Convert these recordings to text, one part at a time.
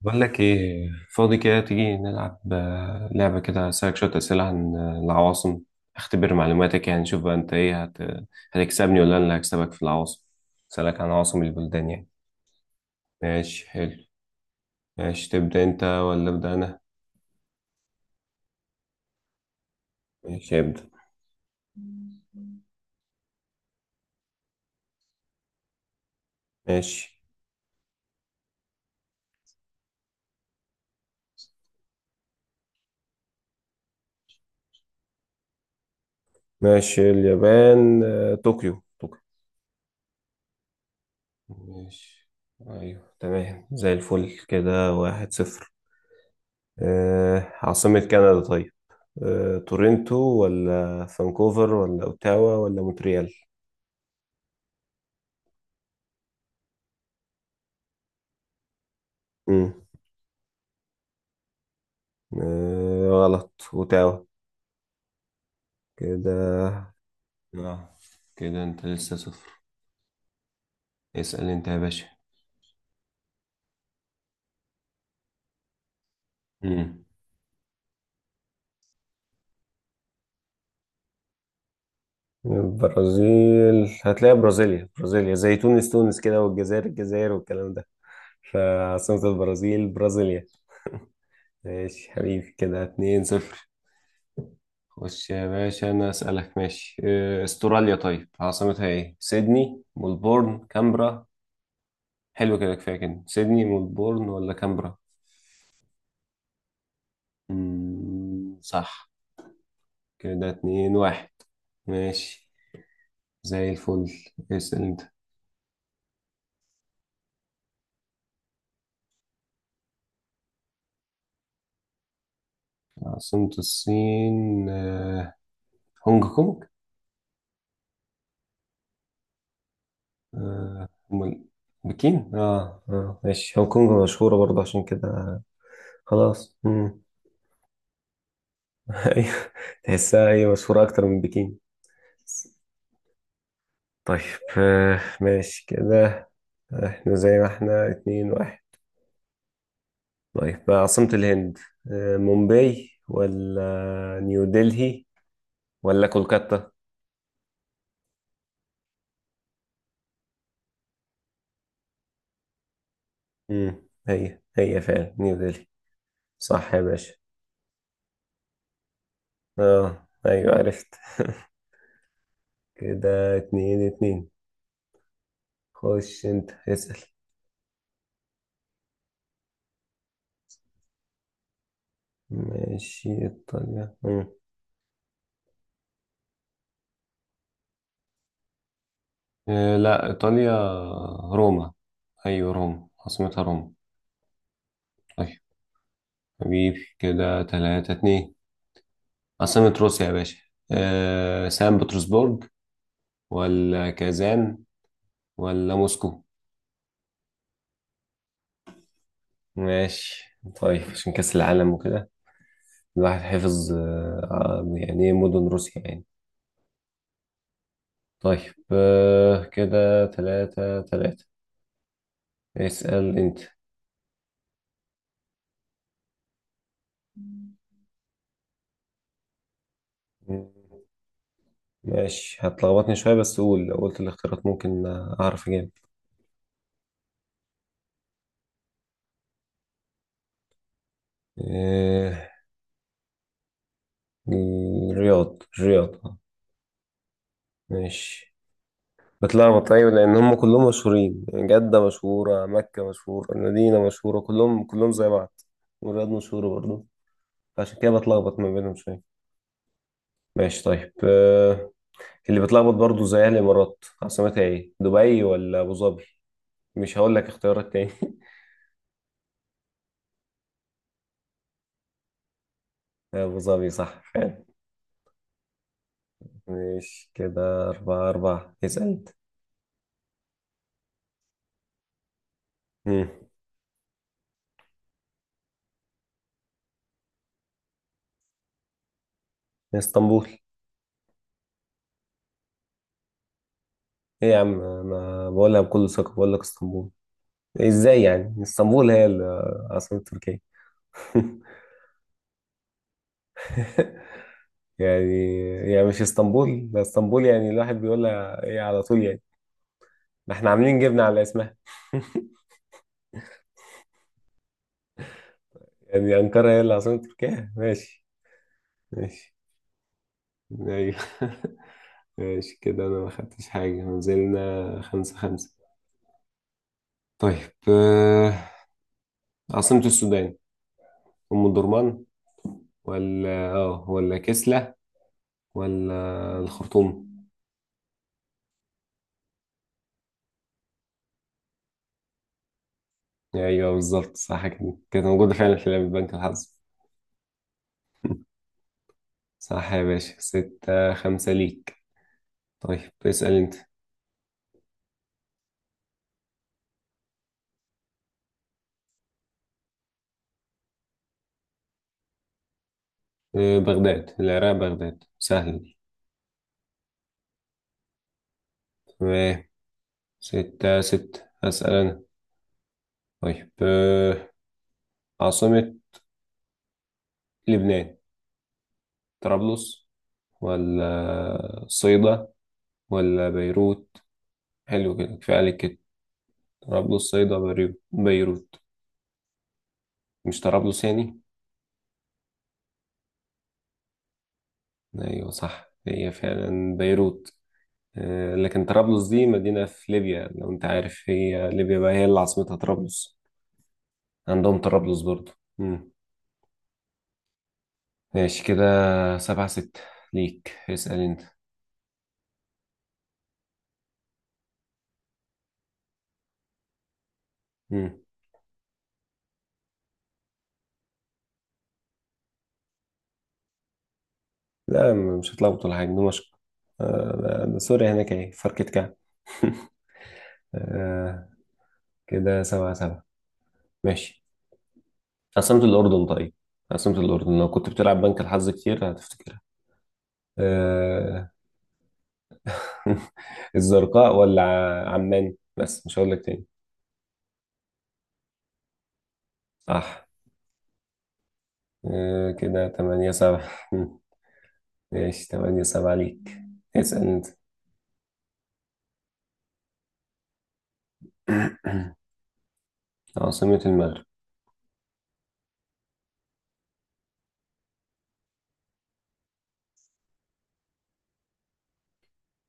بقول لك ايه؟ فاضي كده تيجي نلعب لعبة كده، اسألك شوية أسئلة عن العواصم. اختبر معلوماتك، يعني نشوف بقى انت ايه هتكسبني ولا انا اللي هكسبك في العواصم. اسألك عن عواصم البلدان يعني. ماشي، حلو. ماشي، تبدأ انت ولا أبدأ انا؟ ماشي، ابدأ. ماشي. ماشي، اليابان طوكيو طوكيو. ماشي، ايوه تمام، زي الفل، كده 1-0. عاصمة كندا طيب، تورنتو ولا فانكوفر ولا اوتاوا ولا مونتريال؟ امم غلط، اوتاوا. كده، اه كده انت لسه صفر. اسأل انت يا باشا. امم البرازيل هتلاقي برازيليا برازيليا، زي تونس تونس كده، والجزائر الجزائر والكلام ده. فعاصمة البرازيل برازيليا. ماشي حبيبي، كده 2-0. خش يا باشا انا اسألك. ماشي، استراليا، طيب عاصمتها ايه؟ سيدني، ملبورن، كامبرا. حلو كده، كفاية كده. سيدني، ملبورن، ولا كامبرا؟ مم. صح. كده 2-1. ماشي، زي الفل. اسأل انت. عاصمة الصين هونج كونج. أمال؟ بكين. اه، اه، ماشي، هونج كونج مشهورة برضه عشان كده. خلاص. مم. ايوه، تحسها هي مشهورة أكتر من بكين. طيب، ماشي كده. احنا زي ما احنا، 2-1. طيب، عاصمة الهند، مومباي ولا نيو دلهي ولا كولكاتا؟ امم هي فعلا نيو دلهي. صح يا باشا. اه ايوه، عرفت. كده 2-2. خش انت اسأل. ماشي، ايطاليا. مم. لا، ايطاليا روما. ايوه، روما، عاصمتها روما. طيب حبيبي، كده 3-2. عاصمة روسيا يا باشا، سان بطرسبرج، ولا كازان، ولا موسكو؟ ماشي طيب، عشان كأس العالم وكده الواحد حفظ يعني إيه، مدن روسيا يعني. طيب، كده 3-3. اسأل أنت. مم، ماشي، هتلخبطني شوية، بس قول لو قلت الاختيارات ممكن أعرف أجيب. آه، الرياض، الرياض. ماشي. بتلخبط أيوة، لأن هم كلهم مشهورين، جدة مشهورة، مكة مشهورة، المدينة مشهورة، كلهم كلهم زي بعض. والرياض مشهورة برضه، فعشان كده بتلخبط ما بينهم شوية. ماشي طيب، اللي بيتلخبط برضو زيها الامارات، عاصمتها ايه، دبي ولا ابو ظبي؟ مش هقول لك اختيارات تاني. ابو ظبي، صح فعلا. مش كده؟ 4-4. اسأل. امم اسطنبول. ايه يا عم، انا بقولها بكل ثقة، بقول لك اسطنبول. ازاي يعني اسطنبول هي عاصمة تركيا؟ يعني يعني مش اسطنبول؟ ده اسطنبول يعني الواحد بيقولها ايه على طول، يعني ده احنا عاملين جبنة على اسمها. يعني انقرة هي اللي عاصمة تركيا، ماشي. ماشي، ايوه. ماشي كده، انا ما خدتش حاجة، نزلنا 5-5. طيب، عاصمة السودان، أم الدرمان، ولا ولا كسلة، ولا الخرطوم؟ ايوه بالظبط، صح، كده كانت موجودة فعلا في لعبة بنك الحظ. صح يا باشا، 6-5 ليك. طيب، اسأل انت. بغداد، العراق بغداد سهلة دي. تمام، 6-6. أسأل أنا، طيب، عاصمة لبنان، طرابلس، ولا صيدا، ولا بيروت؟ حلو كده، كفاية عليك كده. طرابلس، صيدا، بيروت؟ مش طرابلس يعني؟ أيوة صح، هي فعلا بيروت. لكن طرابلس دي مدينة في ليبيا، لو أنت عارف، هي ليبيا بقى هي اللي عاصمتها طرابلس. عندهم طرابلس برضو. مم. ماشي كده، 7-6 ليك. اسأل أنت. مم. لا، مش هتلخبط ولا حاجة، دمشق. ده سوريا هناك اهي، فركة كعب. آه، كده 7-7. ماشي. عاصمة الأردن طيب. عاصمة الأردن، لو كنت بتلعب بنك الحظ كتير هتفتكرها. آه... الزرقاء ولا عمان؟ بس مش هقول لك تاني. صح. كده 8-7. ماشي، 8-7 ليك. اسأل أنت. عاصمة المغرب.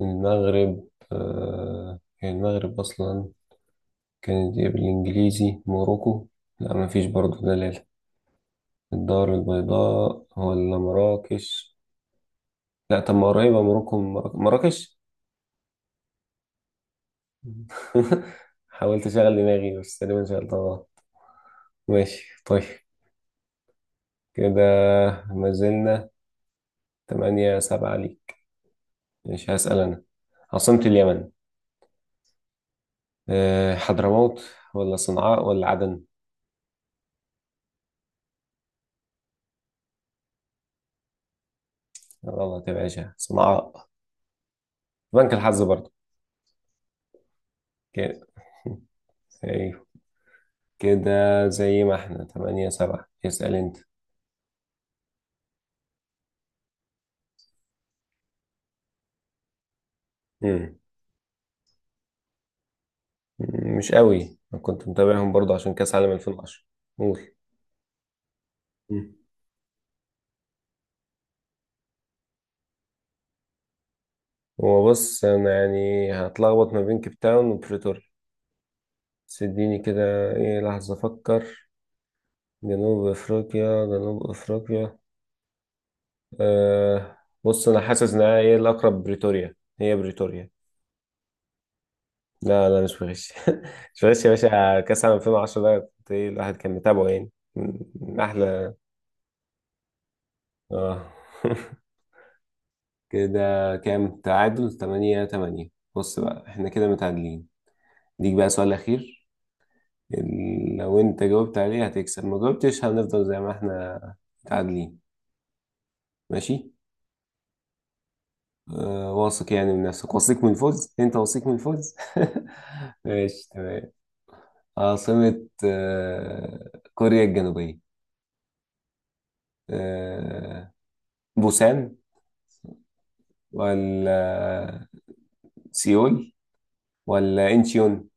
المغرب هي المغرب أصلا كانت إيه بالإنجليزي، موروكو. لا، مفيش برضه دلالة. الدار البيضاء ولا مراكش؟ لا، طب ما قريبة موروكو من مراكش. حاولت اشغل دماغي، بس تقريبا شغلتها غلط. ماشي طيب. كده ما زلنا 8-7 ليك. مش هسأل أنا؟ عاصمة اليمن، حضرموت، ولا صنعاء، ولا عدن؟ غلط يا باشا، صنعاء. بنك الحظ برضه. كده. أيوه، كده زي ما احنا 8-7. اسأل أنت. مم. مش قوي، أنا كنت متابعهم برضه عشان كأس عالم 2010. قول. مم. هو بص، انا يعني هتلخبط ما بين كيب تاون وبريتوريا، بس اديني كده ايه لحظة افكر. جنوب افريقيا، جنوب افريقيا، أه بص، انا حاسس انها ايه الاقرب، بريتوريا، هي بريتوريا. لا، لا، مش بغش. مش بغش يا باشا، كاس عام 2010 ده كنت ايه، الواحد كان متابعه، يعني من احلى. اه. كده كام؟ تعادل 8-8. بص بقى، احنا كده متعادلين. ديك بقى سؤال اخير، إن لو انت جاوبت عليه هتكسب، ما جاوبتش هنفضل زي ما احنا متعادلين. ماشي. واثق يعني من نفسك، واثق من الفوز، انت واثق من الفوز؟ ماشي تمام. عاصمة كوريا الجنوبية، آه بوسان، ولا سيول، ولا انشيون؟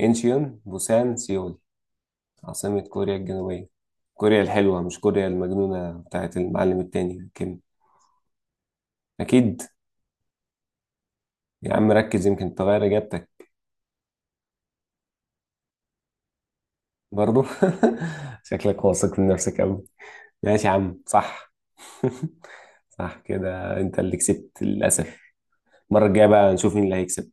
انشيون، بوسان، سيول، عاصمة كوريا الجنوبية. كوريا الحلوة، مش كوريا المجنونة بتاعت المعلم التاني كيم. أكيد. يا عم ركز، يمكن تغير إجابتك. برضو. شكلك واثق من نفسك أوي. ماشي يا عم، صح. صح، كده أنت اللي كسبت للأسف. المرة الجاية بقى نشوف مين اللي هيكسب.